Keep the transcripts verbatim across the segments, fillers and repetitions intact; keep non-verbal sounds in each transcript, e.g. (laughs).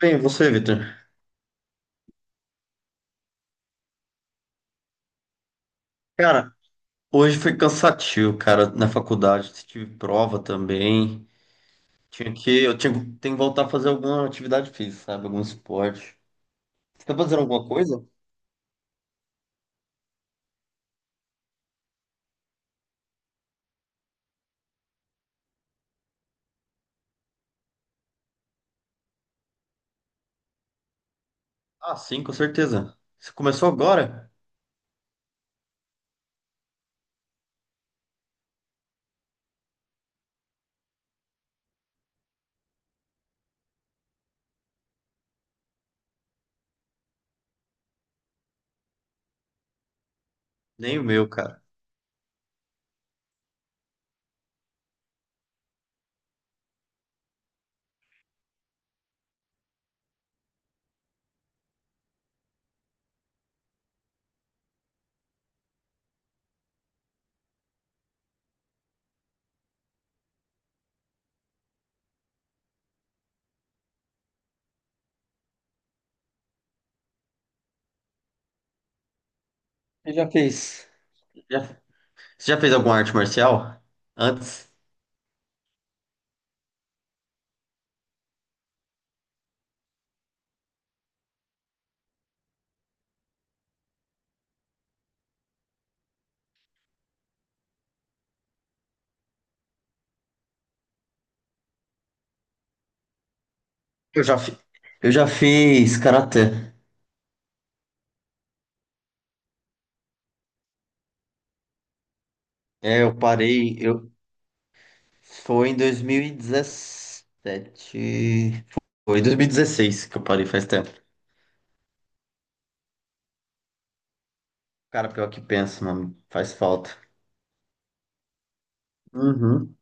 Bem, você, Vitor? Cara, hoje foi cansativo, cara, na faculdade. Tive prova também. Tinha que, eu tinha, tenho que voltar a fazer alguma atividade física, sabe? Algum esporte. Você tá fazendo alguma coisa? Ah, sim, com certeza. Você começou agora? Nem o meu, cara. Você já fez? Já, você já fez alguma arte marcial? Antes? Eu já fiz. Eu já fiz karatê. É, eu parei. Eu, foi em dois mil e dezessete. Foi em dois mil e dezesseis que eu parei, faz tempo. Cara, pior que pensa, mano. Faz falta. Uhum,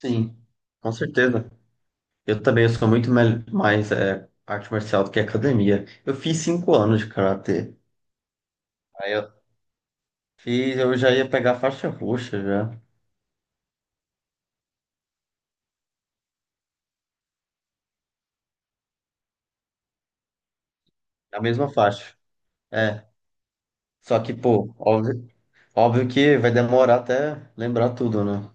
sim, com certeza. Eu também eu sou muito mel- mais é, arte marcial do que academia. Eu fiz cinco anos de karatê. Aí eu fiz, eu já ia pegar a faixa roxa já. A mesma faixa. É. Só que, pô, óbvio, óbvio que vai demorar até lembrar tudo, né?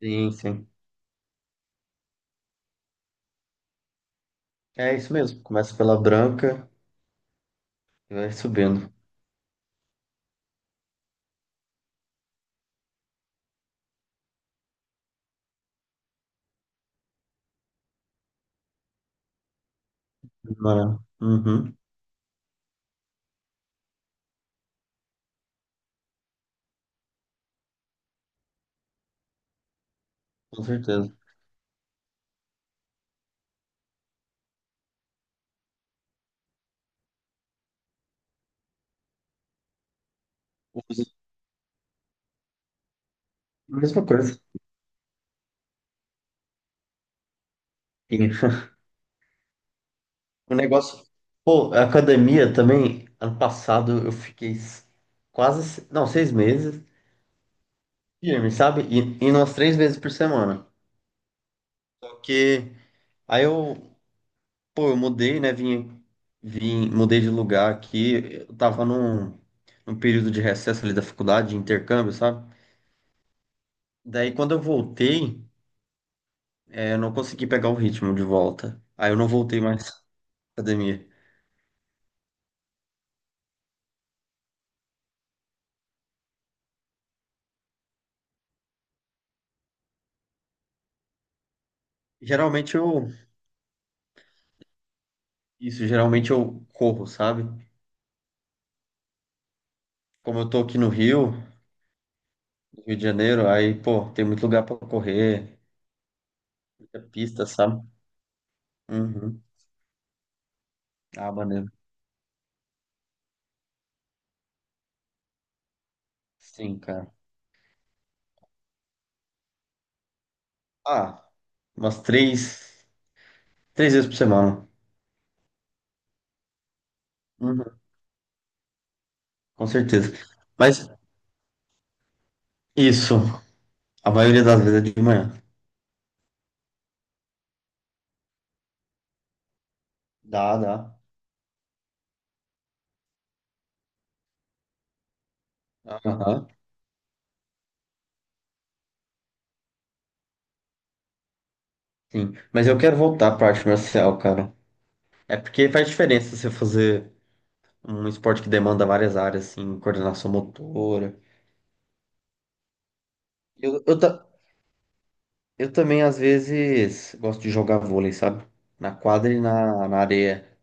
Sim, sim. É isso mesmo. Começa pela branca e vai subindo. Demorando. Uhum, com certeza. Mesma coisa. Sim. (laughs) O negócio. Pô, a academia também, ano passado eu fiquei s- quase, se- não, seis meses, firme, sabe? E indo umas três vezes por semana. Só que aí eu, pô, eu mudei, né? Vim, vim, mudei de lugar aqui. Eu tava num, num período de recesso ali da faculdade, de intercâmbio, sabe? Daí quando eu voltei, é, eu não consegui pegar o ritmo de volta. Aí eu não voltei mais à academia. Geralmente eu, isso, geralmente eu corro, sabe? Como eu tô aqui no Rio. Rio de Janeiro, aí, pô, tem muito lugar pra correr, muita pista, sabe? Uhum. Ah, maneiro. Sim, cara. Ah, umas três, três vezes por semana. Uhum. Com certeza. Mas isso, a maioria das vezes é de manhã. Dá, dá. Aham, sim. Mas eu quero voltar pra arte marcial, cara. É porque faz diferença você fazer um esporte que demanda várias áreas, assim, coordenação motora. Eu, eu, ta- eu também, às vezes, gosto de jogar vôlei, sabe? Na quadra e na, na areia.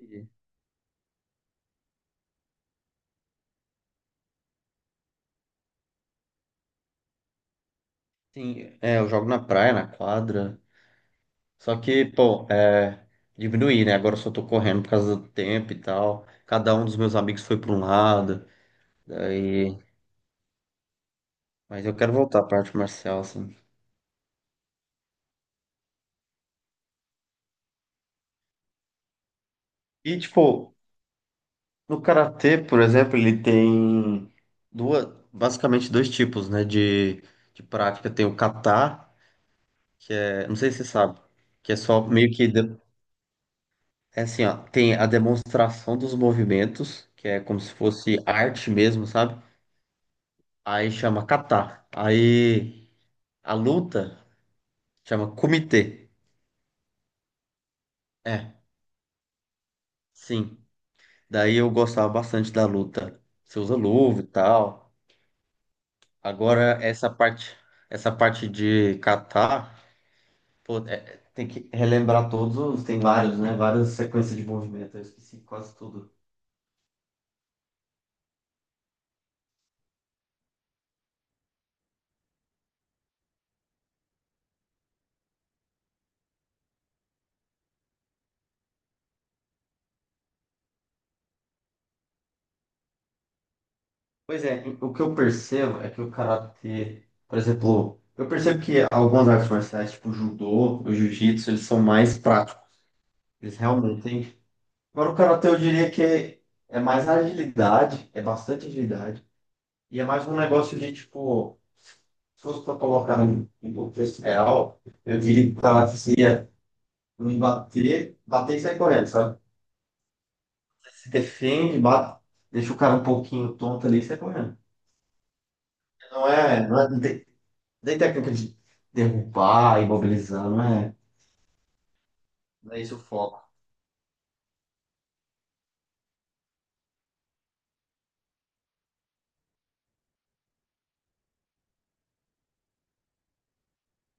Entendi. Sim, é, eu jogo na praia, na quadra. Só que, pô, é, diminuí, né? Agora eu só tô correndo por causa do tempo e tal. Cada um dos meus amigos foi pra um lado. Daí... Mas eu quero voltar pra arte marcial, assim. E, tipo, no karatê, por exemplo, ele tem duas, basicamente dois tipos, né? De, de prática. Tem o kata, que é, não sei se você sabe, que é só meio que. De- É assim, ó, tem a demonstração dos movimentos, que é como se fosse arte mesmo, sabe? Aí chama kata. Aí a luta chama kumite. É, sim. Daí eu gostava bastante da luta. Você usa luva e tal. Agora essa parte, essa parte de kata, pô, é- tem que relembrar todos os, tem vários, né? Várias sequências de movimento. Eu esqueci quase tudo. Pois é, o que eu percebo é que o karatê, por exemplo, eu percebo que algumas artes marciais, tipo judô, o jiu-jitsu, eles são mais práticos. Eles realmente agora, o karatê eu diria que é é mais agilidade, é bastante agilidade. E é mais um negócio de, tipo, se fosse para colocar em em contexto real, eu diria que o karatê seria não bater, bater e sair correndo, sabe? Se defende, bate, deixa o cara um pouquinho tonto ali e sai correndo. Não é, não é, não tem, não tem técnica de derrubar, imobilizar, não é, não é esse o foco.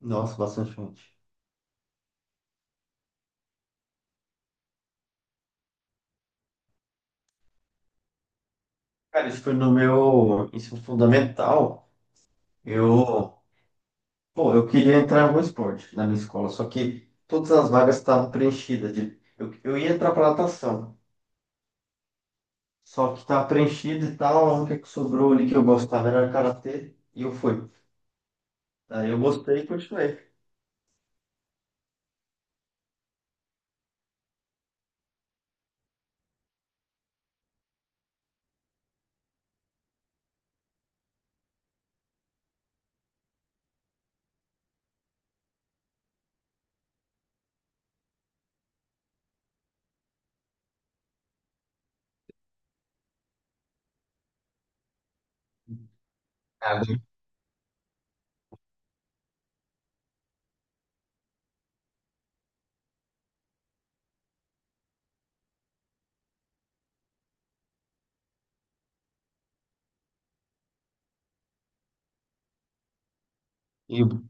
Nossa, bastante forte. Cara, isso foi no meu ensino fundamental. Eu Bom, eu queria entrar no esporte na minha escola, só que todas as vagas estavam preenchidas. de- Eu, eu ia entrar para natação, só que estava preenchida e tal. A única que sobrou ali que eu gostava era karatê e eu fui. Aí eu gostei e continuei. Ah, bem, e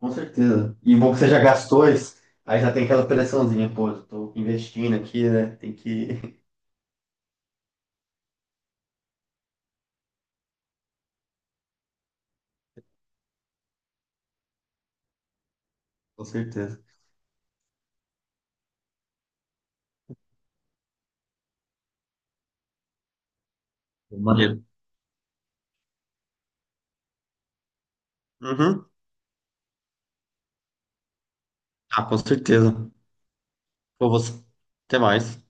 com certeza. E bom que você já gastou isso, aí já tem aquela pressãozinha, pô, eu tô investindo aqui, né? Tem que. (laughs) Com certeza. Maneiro. Uhum. Ah, com certeza. Pô, você. Até mais.